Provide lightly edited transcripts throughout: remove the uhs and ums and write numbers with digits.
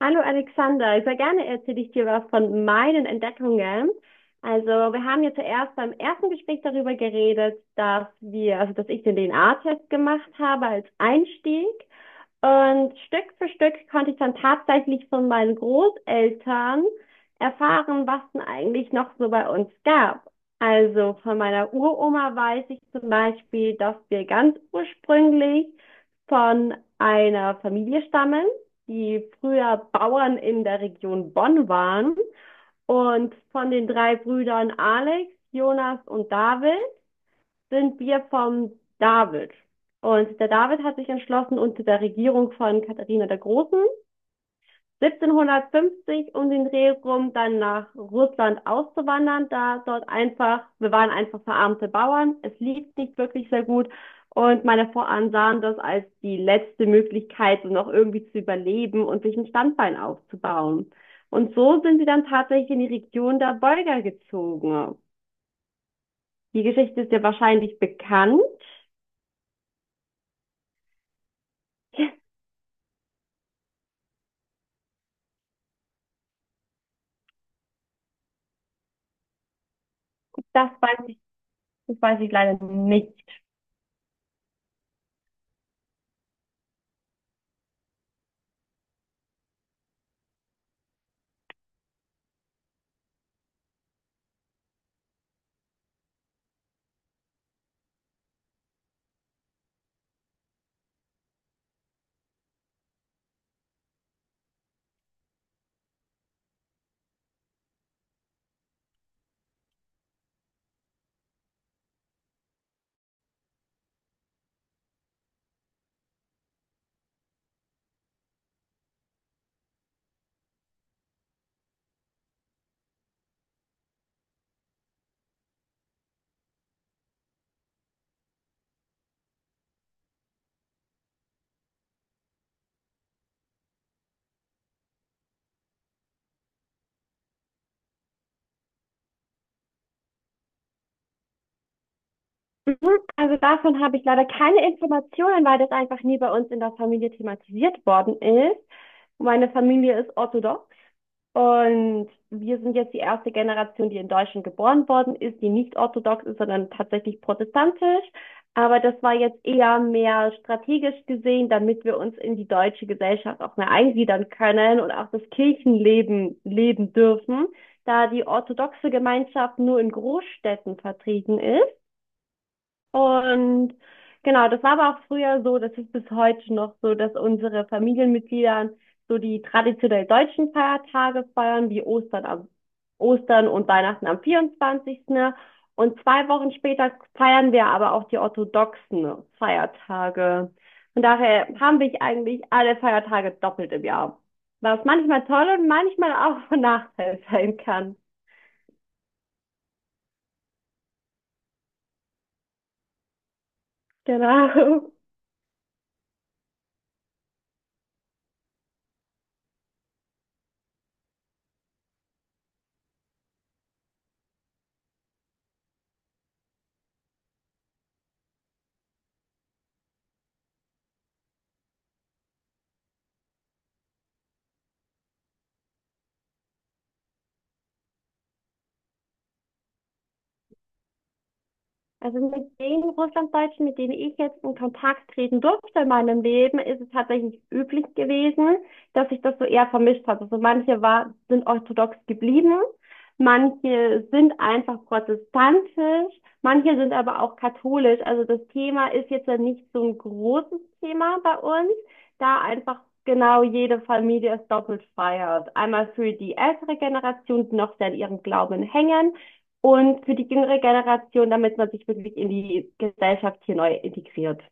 Hallo Alexander, sehr gerne erzähle ich dir was von meinen Entdeckungen. Also wir haben ja zuerst beim ersten Gespräch darüber geredet, also dass ich den DNA-Test gemacht habe als Einstieg. Und Stück für Stück konnte ich dann tatsächlich von meinen Großeltern erfahren, was denn eigentlich noch so bei uns gab. Also von meiner Uroma weiß ich zum Beispiel, dass wir ganz ursprünglich von einer Familie stammen, die früher Bauern in der Region Bonn waren. Und von den drei Brüdern Alex, Jonas und David sind wir vom David. Und der David hat sich entschlossen, unter der Regierung von Katharina der Großen 1750 um den Dreh rum dann nach Russland auszuwandern, da dort einfach, wir waren einfach verarmte Bauern, es lief nicht wirklich sehr gut und meine Vorfahren sahen das als die letzte Möglichkeit, um noch irgendwie zu überleben und sich ein Standbein aufzubauen. Und so sind sie dann tatsächlich in die Region der Bolga gezogen. Die Geschichte ist ja wahrscheinlich bekannt. Das weiß ich Das weiß ich leider nicht. Mhm. Also davon habe ich leider keine Informationen, weil das einfach nie bei uns in der Familie thematisiert worden ist. Meine Familie ist orthodox und wir sind jetzt die erste Generation, die in Deutschland geboren worden ist, die nicht orthodox ist, sondern tatsächlich protestantisch. Aber das war jetzt eher mehr strategisch gesehen, damit wir uns in die deutsche Gesellschaft auch mehr eingliedern können und auch das Kirchenleben leben dürfen, da die orthodoxe Gemeinschaft nur in Großstädten vertreten ist und genau, das war aber auch früher so, das ist bis heute noch so, dass unsere Familienmitglieder so die traditionell deutschen Feiertage feiern, wie Ostern am Ostern und Weihnachten am 24. Und zwei Wochen später feiern wir aber auch die orthodoxen Feiertage. Von daher haben wir eigentlich alle Feiertage doppelt im Jahr. Was manchmal toll und manchmal auch von Nachteil sein kann. Genau. Also mit den Russlanddeutschen, mit denen ich jetzt in Kontakt treten durfte in meinem Leben, ist es tatsächlich üblich gewesen, dass sich das so eher vermischt hat. Sind orthodox geblieben, manche sind einfach protestantisch, manche sind aber auch katholisch. Also das Thema ist jetzt ja nicht so ein großes Thema bei uns, da einfach genau jede Familie es doppelt feiert. Einmal für die ältere Generation, die noch sehr an ihrem Glauben hängen und für die jüngere Generation, damit man sich wirklich in die Gesellschaft hier neu integriert.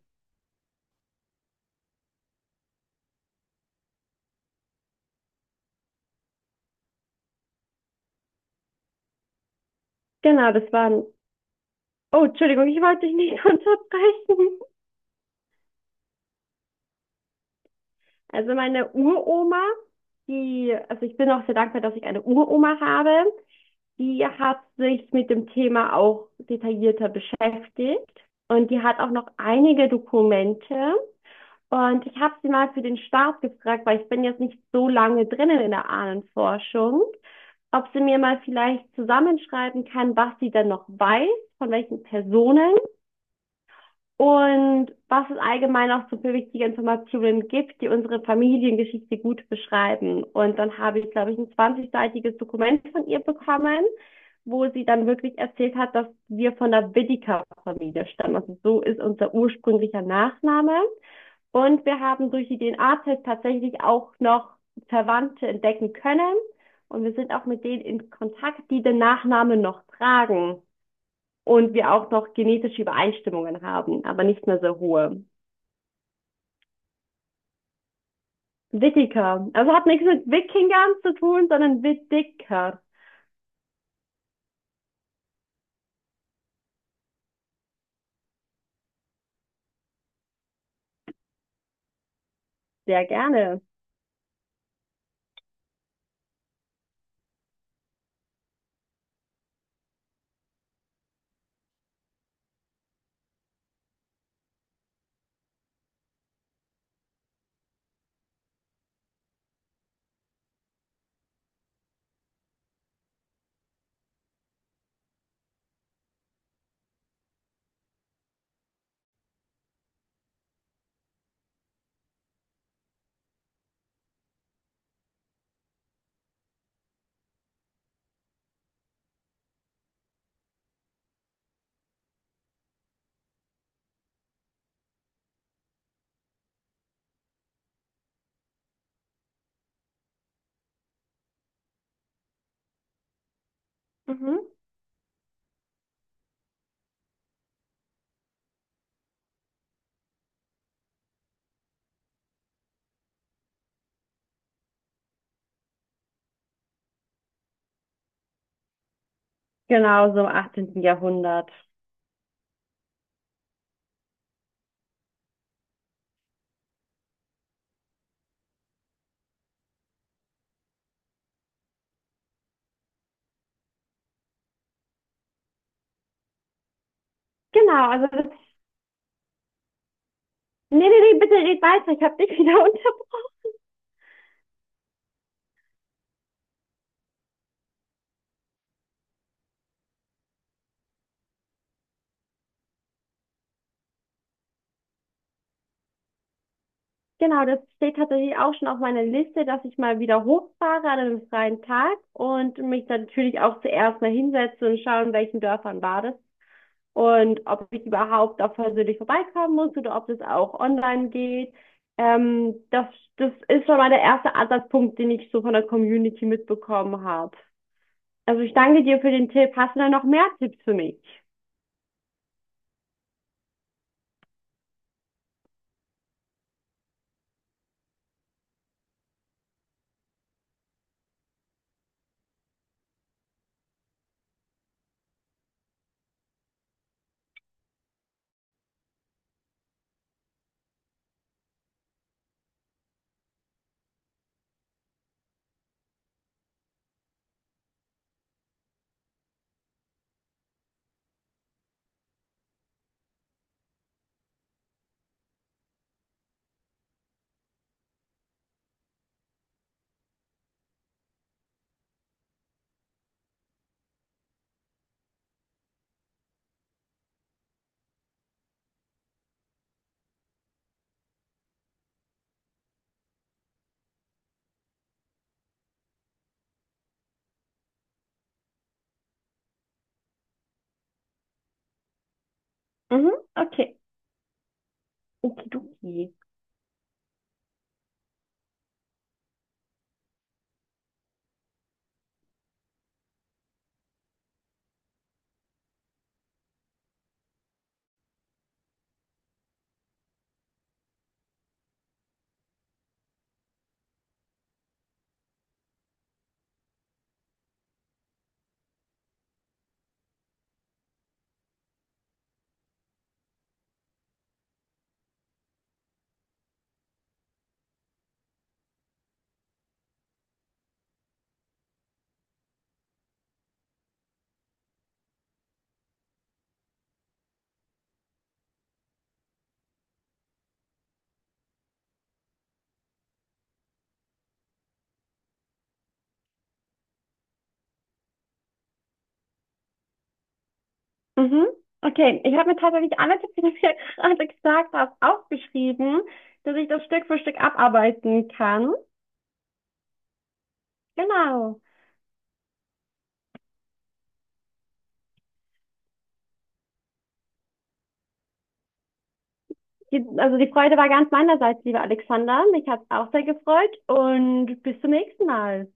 Genau, das waren. Oh, Entschuldigung, ich wollte dich nicht unterbrechen. Also meine Uroma, also ich bin auch sehr dankbar, dass ich eine Uroma habe. Die hat sich mit dem Thema auch detaillierter beschäftigt und die hat auch noch einige Dokumente. Und ich habe sie mal für den Start gefragt, weil ich bin jetzt nicht so lange drinnen in der Ahnenforschung, ob sie mir mal vielleicht zusammenschreiben kann, was sie denn noch weiß, von welchen Personen und was es allgemein auch so für wichtige Informationen gibt, die unsere Familiengeschichte gut beschreiben. Und dann habe ich, glaube ich, ein 20-seitiges Dokument von ihr bekommen, wo sie dann wirklich erzählt hat, dass wir von der Whittaker-Familie stammen. Also so ist unser ursprünglicher Nachname. Und wir haben durch die DNA-Tests tatsächlich auch noch Verwandte entdecken können. Und wir sind auch mit denen in Kontakt, die den Nachnamen noch tragen. Und wir auch noch genetische Übereinstimmungen haben, aber nicht mehr so hohe. Wittiker. Also hat nichts mit Wikingern zu tun, sondern Wittiker. Sehr gerne. Mhm. Genau, so im 18. Jahrhundert. Genau, also das. Nee, nee, nee, bitte red weiter. Ich habe dich wieder. Genau, das steht tatsächlich auch schon auf meiner Liste, dass ich mal wieder hochfahre an einem freien Tag und mich dann natürlich auch zuerst mal hinsetze und schaue, in welchen Dörfern war das und ob ich überhaupt auch persönlich vorbeikommen muss oder ob das auch online geht. Ähm, das, das ist schon mal der erste Ansatzpunkt, den ich so von der Community mitbekommen habe. Also ich danke dir für den Tipp. Hast du da noch mehr Tipps für mich? Mhm, okay. Okidoki. Mhm. Okay, ich habe mir tatsächlich alle Tipps, die du mir gerade gesagt hast, aufgeschrieben, dass ich das Stück für Stück abarbeiten kann. Genau. Also die Freude war ganz meinerseits, lieber Alexander. Mich hat's auch sehr gefreut und bis zum nächsten Mal.